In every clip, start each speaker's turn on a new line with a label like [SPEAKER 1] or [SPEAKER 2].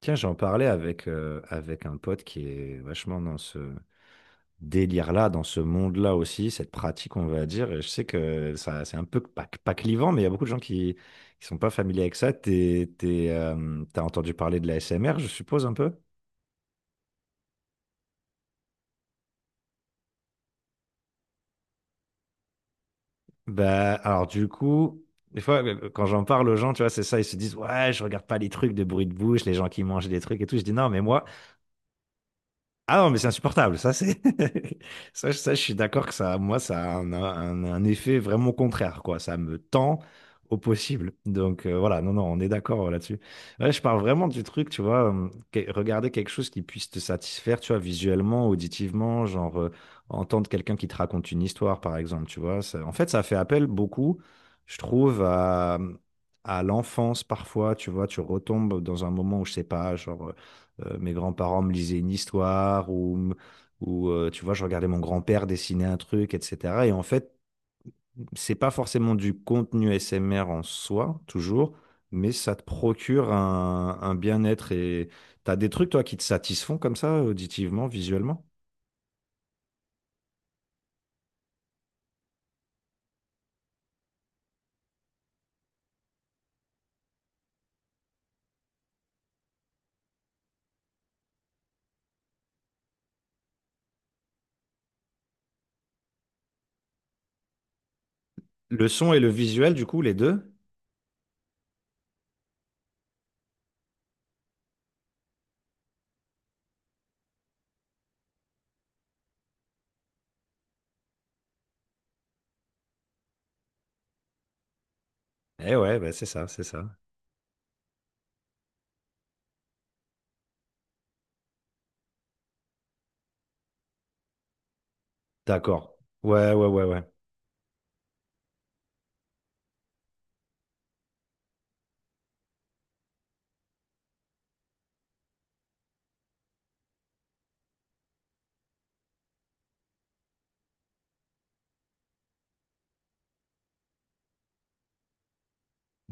[SPEAKER 1] Tiens, j'en parlais avec un pote qui est vachement dans ce délire-là, dans ce monde-là aussi, cette pratique, on va dire. Et je sais que ça, c'est un peu pas clivant, mais il y a beaucoup de gens qui sont pas familiers avec ça. T'as entendu parler de la SMR, je suppose, un peu? Bah, alors du coup, des fois, quand j'en parle aux gens, tu vois, c'est ça, ils se disent, ouais, je regarde pas les trucs de bruit de bouche, les gens qui mangent des trucs et tout. Je dis, non, mais moi. Ah non, mais c'est insupportable. Ça, c'est je suis d'accord que ça, moi, ça a un effet vraiment contraire, quoi. Ça me tend au possible. Donc voilà, non, non, on est d'accord, là-dessus. Ouais, je parle vraiment du truc, tu vois, regarder quelque chose qui puisse te satisfaire, tu vois, visuellement, auditivement, genre, entendre quelqu'un qui te raconte une histoire, par exemple, tu vois. En fait, ça fait appel beaucoup, je trouve, à l'enfance parfois, tu vois, tu retombes dans un moment où, je sais pas, genre, mes grands-parents me lisaient une histoire, ou, tu vois, je regardais mon grand-père dessiner un truc, etc. Et en fait, c'est pas forcément du contenu SMR en soi, toujours, mais ça te procure un bien-être. Et t'as des trucs, toi, qui te satisfont comme ça, auditivement, visuellement? Le son et le visuel, du coup, les deux? Eh ouais, bah, c'est ça, c'est ça. D'accord. Ouais, ouais, ouais, ouais.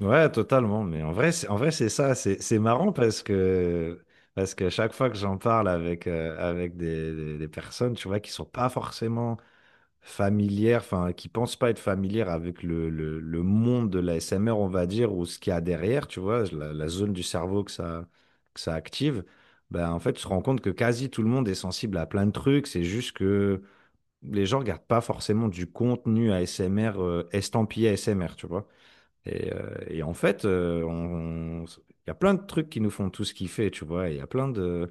[SPEAKER 1] Ouais, totalement. Mais en vrai, c'est ça. C'est marrant parce que chaque fois que j'en parle avec des personnes, tu vois, qui sont pas forcément familières, enfin, qui pensent pas être familières avec le monde de la SMR, on va dire, ou ce qu'il y a derrière, tu vois, la zone du cerveau que ça active, ben, en fait, tu te rends compte que quasi tout le monde est sensible à plein de trucs. C'est juste que les gens regardent pas forcément du contenu ASMR, estampillé ASMR, tu vois. Et en fait, il y a plein de trucs qui nous font tous kiffer, tu vois. Et il y a plein de,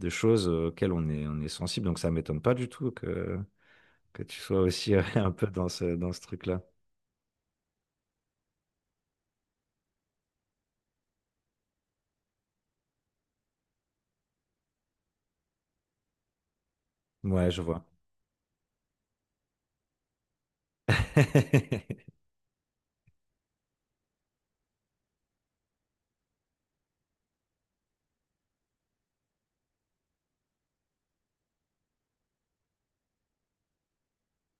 [SPEAKER 1] de choses auxquelles on est sensible. Donc ça m'étonne pas du tout que tu sois aussi, un peu dans ce truc-là. Ouais, je vois.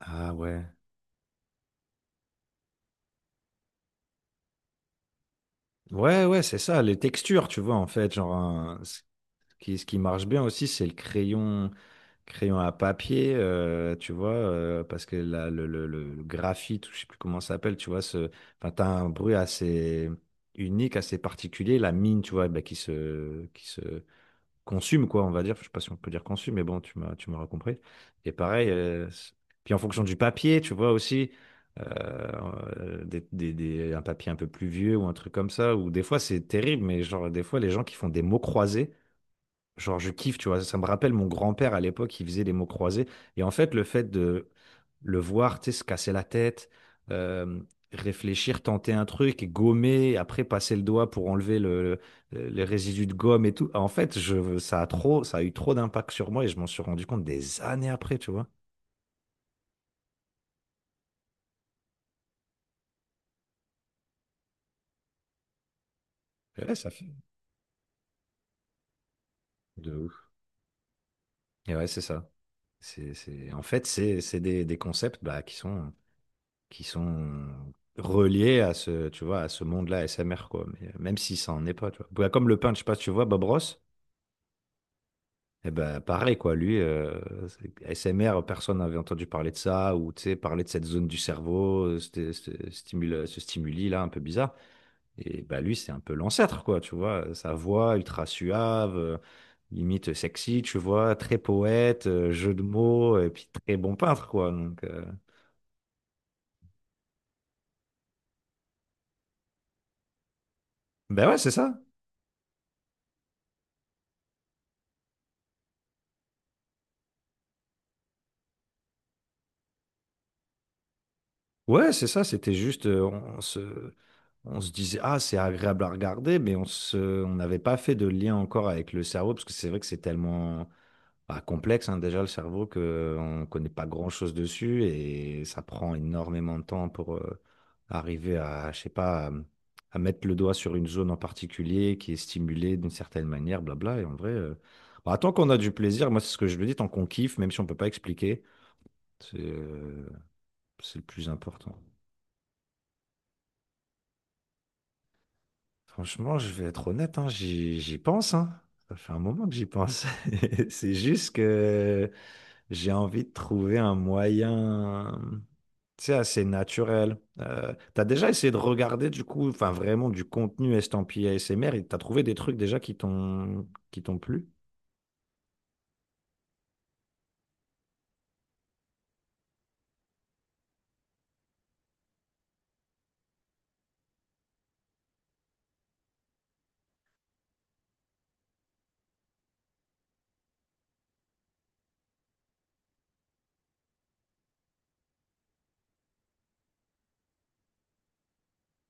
[SPEAKER 1] Ah ouais. Ouais, ouais, c'est ça. Les textures, tu vois, en fait, genre, ce qui marche bien aussi, c'est le crayon. Crayon à papier, tu vois, parce que là, le graphite, ou je sais plus comment ça s'appelle, tu vois, ce, enfin, t'as un bruit assez unique, assez particulier, la mine, tu vois, bah, qui se consume, quoi, on va dire. Je sais pas si on peut dire consume, mais bon, tu m'as, tu m'auras compris. Et pareil, puis en fonction du papier, tu vois aussi, un papier un peu plus vieux ou un truc comme ça, ou des fois c'est terrible, mais genre, des fois les gens qui font des mots croisés. Genre, je kiffe, tu vois. Ça me rappelle mon grand-père à l'époque, il faisait des mots croisés. Et en fait, le fait de le voir, tu sais, se casser la tête, euh, réfléchir, tenter un truc, et gommer, après passer le doigt pour enlever les résidus de gomme et tout. En fait, ça a eu trop d'impact sur moi et je m'en suis rendu compte des années après, tu vois. Et ouais, ça fait de ouf. Et ouais, c'est ça. En fait, c'est des concepts bah, qui sont reliés à ce, tu vois, à ce monde-là SMR, quoi. Mais, même si ça en est pas, tu vois. Bah, comme le peintre, je sais pas si tu vois, Bob Ross, eh ben, pareil, quoi. Lui, SMR, personne n'avait entendu parler de ça, ou, tu sais, parler de cette zone du cerveau, ce stimuli-là un peu bizarre. Et bah, lui, c'est un peu l'ancêtre, quoi, tu vois. Sa voix ultra suave, limite sexy, tu vois, très poète, jeu de mots, et puis très bon peintre, quoi. Donc, ben ouais, c'est ça. Ouais, c'est ça, c'était juste, on se, on se disait, ah, c'est agréable à regarder, mais on n'avait pas fait de lien encore avec le cerveau, parce que c'est vrai que c'est tellement bah, complexe, hein, déjà, le cerveau, qu'on ne connaît pas grand-chose dessus, et ça prend énormément de temps pour arriver à, je sais pas, à mettre le doigt sur une zone en particulier qui est stimulée d'une certaine manière, blabla, et en vrai, bah, tant qu'on a du plaisir, moi, c'est ce que je le dis, tant qu'on kiffe, même si on ne peut pas expliquer, c'est euh, c'est le plus important. Franchement, je vais être honnête, hein, j'y pense, hein. Ça fait un moment que j'y pense. C'est juste que j'ai envie de trouver un moyen, tu sais, assez naturel. T'as déjà essayé de regarder du coup, enfin vraiment du contenu estampillé ASMR et t'as trouvé des trucs déjà qui t'ont plu?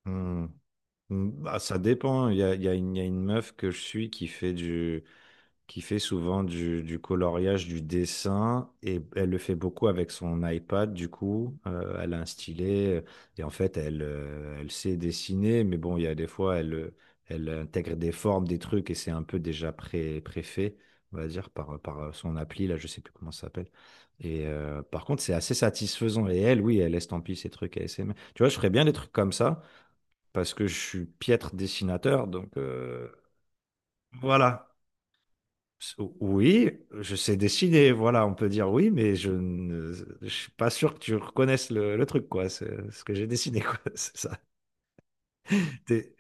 [SPEAKER 1] Hmm. Hmm, bah, ça dépend, hein. Il y a une, il y a une meuf que je suis qui fait souvent du coloriage, du dessin, et elle le fait beaucoup avec son iPad, du coup. Elle a un stylet, et en fait, elle sait dessiner, mais bon, il y a des fois, elle intègre des formes, des trucs, et c'est un peu déjà préfait, on va dire, par son appli, là, je sais plus comment ça s'appelle. Et par contre, c'est assez satisfaisant, et elle, oui, elle estampille ses trucs à SM. Tu vois, je ferais bien des trucs comme ça, parce que je suis piètre dessinateur, donc, voilà, oui, je sais dessiner, voilà, on peut dire oui, mais je suis pas sûr que tu reconnaisses le truc, quoi. C'est ce que j'ai dessiné, quoi. C'est ça. T'es-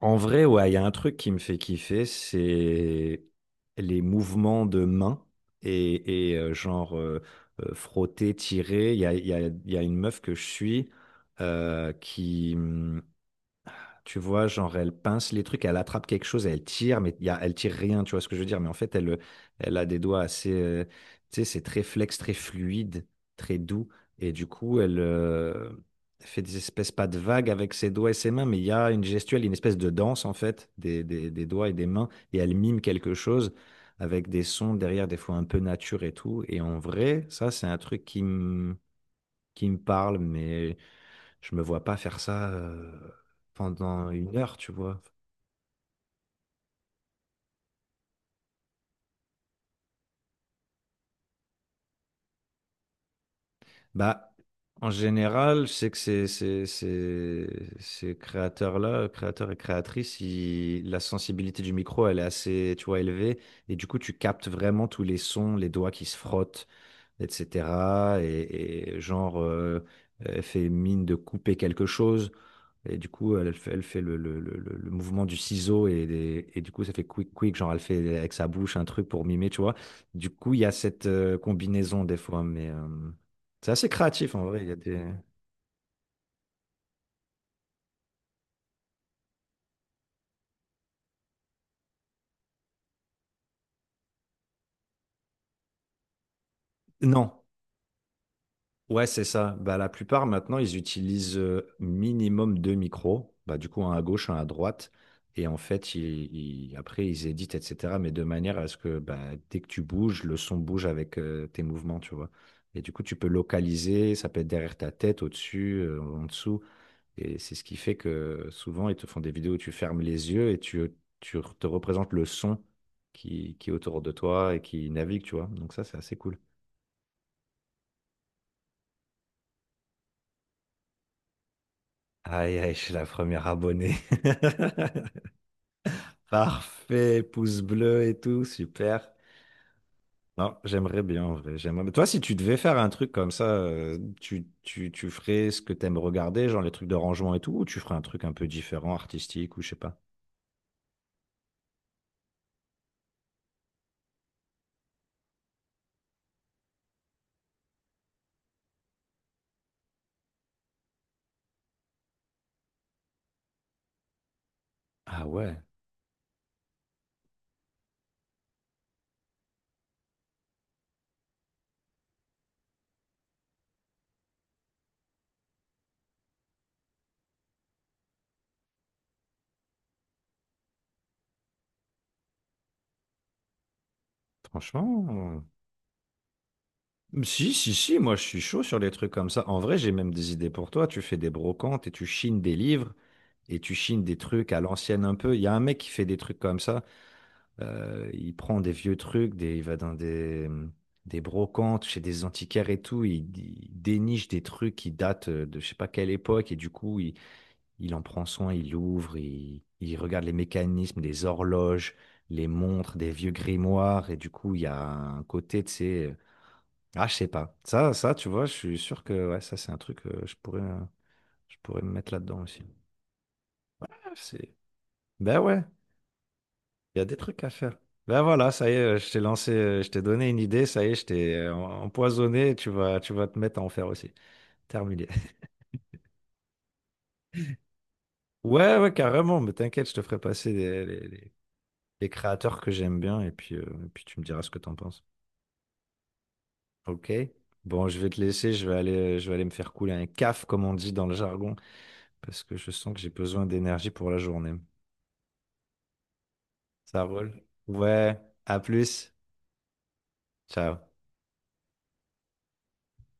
[SPEAKER 1] En vrai, ouais, il y a un truc qui me fait kiffer, c'est les mouvements de main et, genre, frotter, tirer. Il y a, il y a une meuf que je suis, qui. Tu vois, genre, elle pince les trucs, elle attrape quelque chose, elle tire, mais elle tire rien, tu vois ce que je veux dire. Mais en fait, elle a des doigts assez, tu sais, c'est très flex, très fluide, très doux. Et du coup, elle, fait des espèces pas de vagues avec ses doigts et ses mains, mais il y a une gestuelle, une espèce de danse, en fait, des doigts et des mains. Et elle mime quelque chose avec des sons derrière, des fois un peu nature et tout. Et en vrai, ça, c'est un truc qui me parle, mais. Je me vois pas faire ça, pendant 1 heure, tu vois. Bah, en général, je sais que ces créateurs-là, créateurs et créatrices, la sensibilité du micro, elle est assez, tu vois, élevée. Et du coup, tu captes vraiment tous les sons, les doigts qui se frottent, etc. Et genre, fait mine de couper quelque chose. Et du coup, elle fait le mouvement du ciseau et du coup, ça fait quick, quick, genre elle fait avec sa bouche un truc pour mimer, tu vois. Du coup, il y a cette, combinaison des fois, mais, c'est assez créatif en vrai. Il y a des... Non, ouais, c'est ça. Bah, la plupart maintenant, ils utilisent, minimum deux micros. Bah, du coup, un à gauche, un à droite. Et en fait, après, ils éditent, etc. Mais de manière à ce que bah, dès que tu bouges, le son bouge avec, tes mouvements, tu vois. Et du coup, tu peux localiser, ça peut être derrière ta tête, au-dessus, en dessous. Et c'est ce qui fait que souvent, ils te font des vidéos où tu fermes les yeux et tu te représentes le son qui est autour de toi et qui navigue, tu vois. Donc ça, c'est assez cool. Aïe, aïe, je suis la première abonnée. Parfait, pouce bleu et tout, super. Non, j'aimerais bien en vrai. J'aimerais, mais toi, si tu devais faire un truc comme ça, tu ferais ce que t'aimes regarder, genre les trucs de rangement et tout, ou tu ferais un truc un peu différent, artistique ou je sais pas? Ah ouais, franchement. Si, si, si, moi je suis chaud sur les trucs comme ça. En vrai, j'ai même des idées pour toi. Tu fais des brocantes et tu chines des livres et tu chines des trucs à l'ancienne un peu. Il y a un mec qui fait des trucs comme ça. Il prend des vieux trucs, il va dans des brocantes, chez des antiquaires et tout. Il déniche des trucs qui datent, de je sais pas quelle époque et du coup, il en prend soin, il l'ouvre, il regarde les mécanismes, les horloges, les montres, des vieux grimoires et du coup, il y a un côté, tu sais, je sais pas. Tu vois, je suis sûr que ouais, ça, c'est un truc, je pourrais me mettre là-dedans aussi. Ah, c'est... Ben ouais. Il y a des trucs à faire. Ben voilà, ça y est, je t'ai lancé, je t'ai donné une idée, ça y est, je t'ai, empoisonné, tu vas te mettre à en faire aussi. Terminé. Ouais, ouais, carrément, mais t'inquiète, je te ferai passer les créateurs que j'aime bien, et puis tu me diras ce que t'en penses. Ok? Bon, je vais te laisser, je vais aller me faire couler un caf, comme on dit dans le jargon, parce que je sens que j'ai besoin d'énergie pour la journée. Ça roule? Ouais, à plus. Ciao.